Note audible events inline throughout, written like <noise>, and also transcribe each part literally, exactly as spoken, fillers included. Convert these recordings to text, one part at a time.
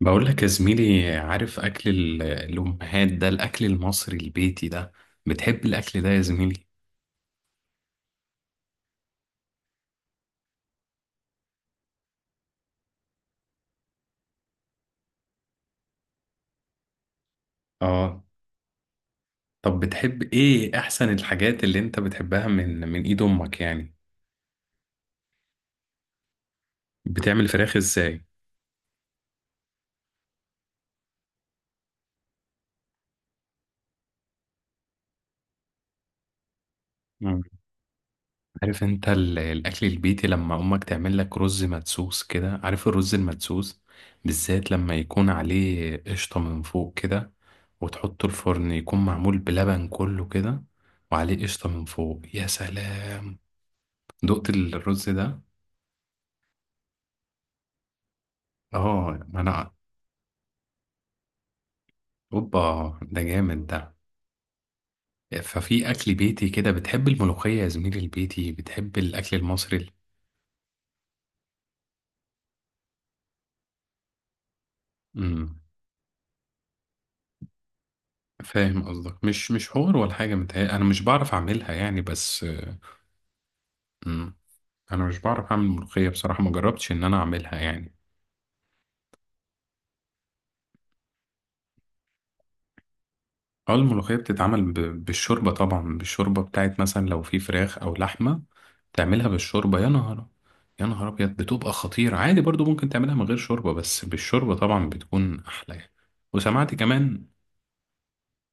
بقول لك يا زميلي، عارف أكل ال- الأمهات ده، الأكل المصري البيتي ده؟ بتحب الأكل ده يا زميلي؟ آه. طب بتحب إيه أحسن الحاجات اللي أنت بتحبها من من إيد أمك يعني؟ بتعمل فراخ إزاي؟ مم. عارف أنت ال- الأكل البيتي، لما أمك تعمل لك رز مدسوس كده، عارف الرز المدسوس؟ بالذات لما يكون عليه قشطة من فوق كده، وتحطه الفرن، يكون معمول بلبن كله كده، وعليه قشطة من فوق. يا سلام، دقت الرز ده. اه انا. اوبا، ده جامد ده. ففي اكل بيتي كده، بتحب الملوخيه يا زميلي؟ البيتي، بتحب الاكل المصري؟ امم. فاهم قصدك، مش مش حوار ولا حاجه، متهيألي انا مش بعرف اعملها يعني بس. امم. انا مش بعرف اعمل ملوخيه بصراحه، ما جربتش ان انا اعملها يعني. اه، الملوخية بتتعمل ب- بالشوربة طبعا، بالشوربة بتاعت مثلا لو في فراخ أو لحمة تعملها بالشوربة، يا نهار. يا نهار أبيض، بتبقى خطيرة، عادي برضو ممكن تعملها من غير شوربة، بس بالشوربة طبعا بتكون أحلى يعني. وسمعت كمان.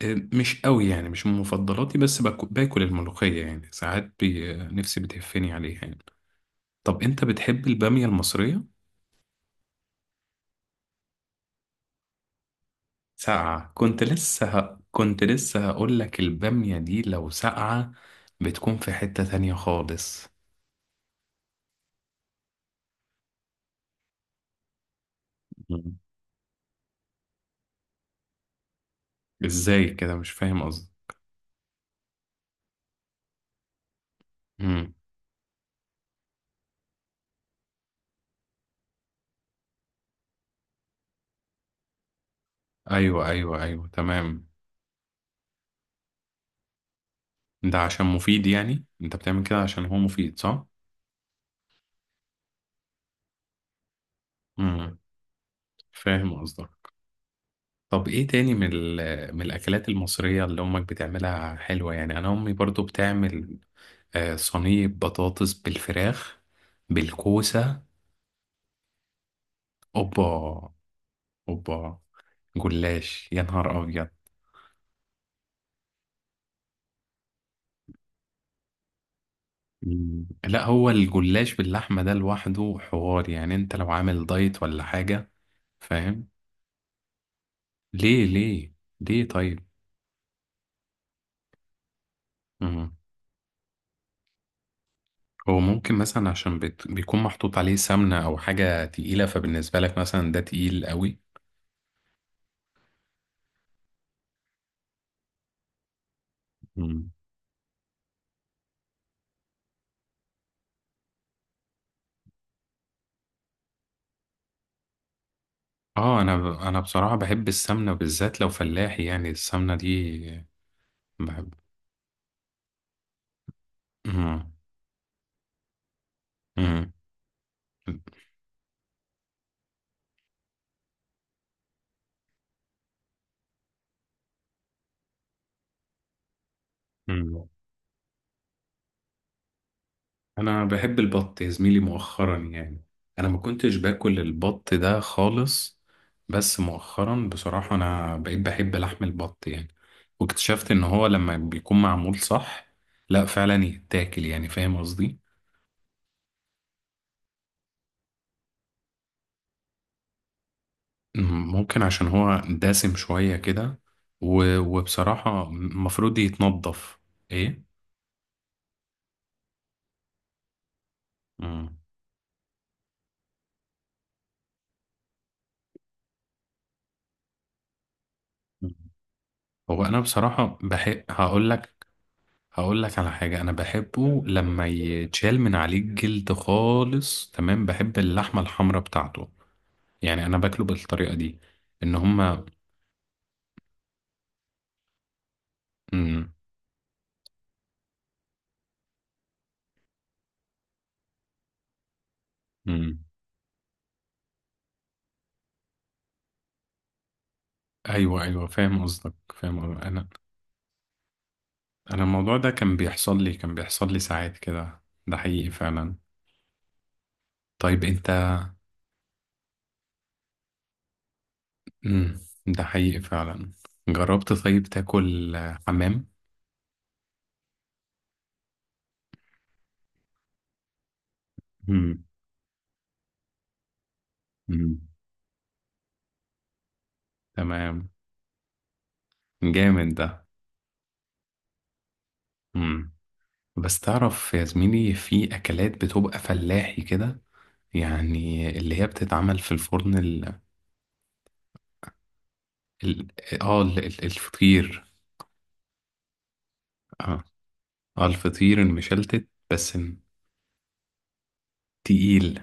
آه، مش قوي يعني، مش من مفضلاتي، بس باك- باكل الملوخية يعني ساعات بي... آه، نفسي بتهفني عليها يعني. طب أنت بتحب البامية المصرية؟ ساقعة. كنت لسه ه... كنت لسه هقول لك، البامية دي لو ساقعة بتكون في حتة تانية خالص. ازاي كده؟ مش فاهم قصدي. امم. ايوه، ايوه، ايوه، تمام. ده عشان مفيد يعني، انت بتعمل كده عشان هو مفيد، صح؟ امم. فاهم قصدك. طب ايه تاني من ال- من الاكلات المصريه اللي امك بتعملها حلوه؟ يعني انا امي برضو بتعمل آه، صينيه بطاطس بالفراخ، بالكوسه. اوبا، اوبا، جلاش، يا نهار ابيض. مم. لا، هو الجلاش باللحمه ده لوحده حوار، يعني انت لو عامل دايت ولا حاجه؟ فاهم. ليه؟ ليه؟ ليه طيب؟ مم. هو ممكن مثلا عشان بت... بيكون محطوط عليه سمنة أو حاجة تقيلة، فبالنسبة لك مثلا ده تقيل قوي. مم. اه، أنا ب... أنا بصراحة بحب السمنة، بالذات لو فلاحي، يعني السمنة دي بحب. مم. مم. مم. انا بحب البط يا زميلي مؤخرا يعني. انا ما كنتش باكل البط ده خالص، بس مؤخرا بصراحة انا بقيت بحب لحم البط يعني. واكتشفت ان هو لما بيكون معمول صح، لا فعلا يتاكل، يعني فاهم قصدي. م- ممكن عشان هو دسم شوية كده، و- وبصراحة المفروض يتنضف. ايه؟ مم. هو انا بصراحة بحب، هقول لك هقول لك على حاجة، أنا بحبه لما يتشال من عليه الجلد خالص، تمام، بحب اللحمة الحمراء بتاعته. يعني أنا باكله بالطريقة دي، إن هما. مم. مم. أيوه، أيوه، فاهم قصدك، فاهم قصدك. أنا. أنا الموضوع ده كان بيحصل لي كان بيحصل لي ساعات كده، ده حقيقي فعلا. طيب أنت. مم. ده حقيقي فعلا. جربت طيب تاكل آه، حمام؟ مم. مم. تمام. جامد ده. مم. بس تعرف يا زميلي، في أكلات بتبقى فلاحي كده، يعني اللي هي بتتعمل في الفرن، ال... ال... اه ال... ال- الفطير. اه، اه، الفطير المشلتت بس. تقيل.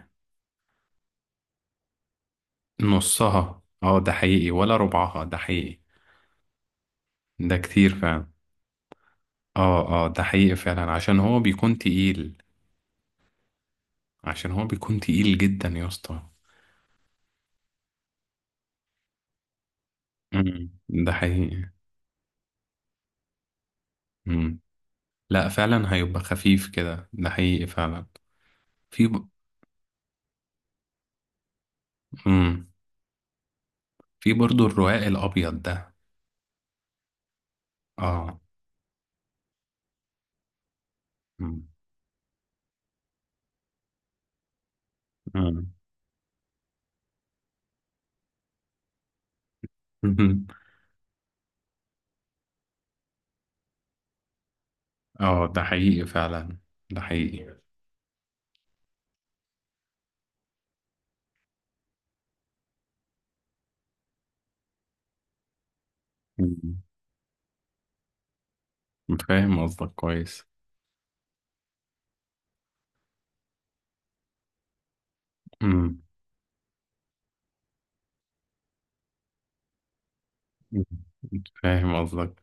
نصها، اه، ده حقيقي، ولا ربعها ده حقيقي؟ ده كتير فعلا. اه، اه، ده حقيقي فعلا، عشان هو بيكون تقيل. عشان هو بيكون تقيل جدا يا اسطى. أمم، ده حقيقي. أمم. لا فعلا، هيبقى خفيف كده، ده حقيقي فعلا. في ب... مم. في برضو الرواق الأبيض ده. اه. مم. مم. <laughs> اه، ده حقيقي فعلا، ده حقيقي. مم. فاهم قصدك كويس. مم. مم. فاهم قصدك.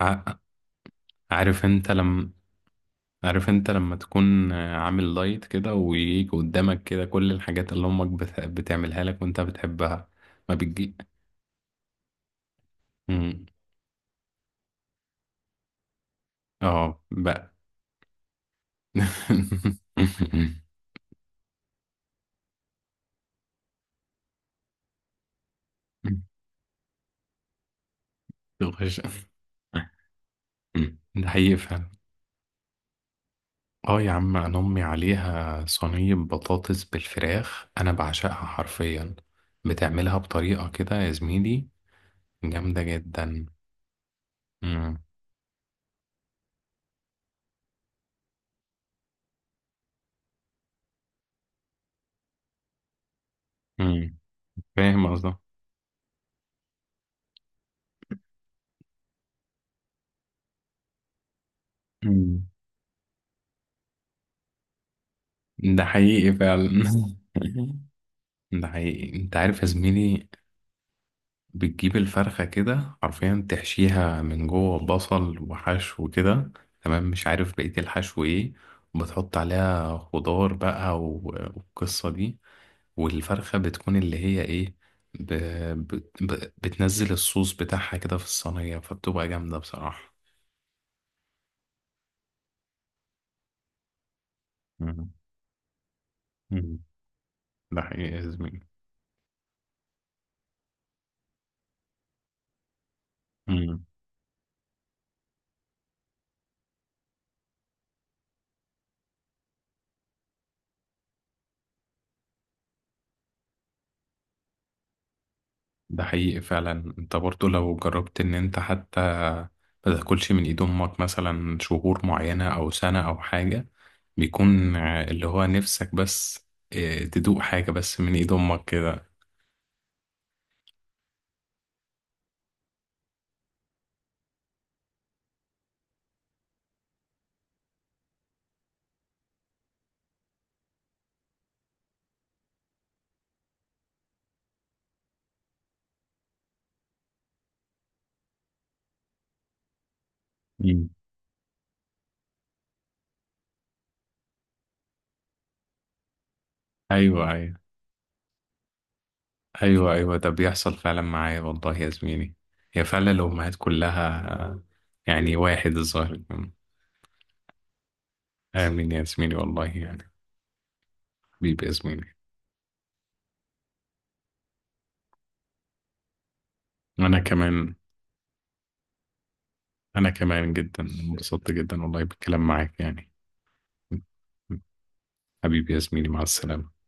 ع- عارف انت لما عارف انت لما تكون عامل دايت كده، ويجي قدامك كده كل الحاجات اللي امك بت... بتعملها لك وانت بتحبها. ما بتجي. مم. اه بقى. <laughs> تخش. ده حقيقي فعلا. اه يا عم، انا امي عليها صينية بطاطس بالفراخ، انا بعشقها حرفيا. بتعملها بطريقة كده يا زميلي. جامدة جدا. مم. مم. فاهم قصدك. مم. ده حقيقي فعلا. <laughs> ده حقيقي، انت عارف يا زميلي. بتجيب الفرخة كده حرفيا، تحشيها من جوه بصل وحشو كده، تمام، مش عارف بقية الحشو ايه، وبتحط عليها خضار بقى و- والقصة دي. والفرخة بتكون اللي هي ايه، ب... ب... ب... بتنزل الصوص بتاعها كده في الصينية، فبتبقى جامدة بصراحة. مم. مم. ده حقيقي يا زميلي. مم. ده حقيقي فعلا، انت برضو لو جربت ان انت حتى ما تاكلش من ايد امك مثلا شهور معينة او سنة او حاجة، بيكون ع- اللي هو نفسك بس اه، تدوق حاجة بس من ايد امك كده. مم. ايوه، ايوه، ايوه، ايوه، ده بيحصل فعلا معايا والله يا زميلي. هي فعلا الامهات كلها آه، يعني واحد الظاهر. امين يا زميلي، والله يعني. حبيبي يا زميلي. انا كمان. انا كمان جدا انبسطت جدا والله بالكلام معاك يعني. حبيبي يا زميلي، مع السلامة.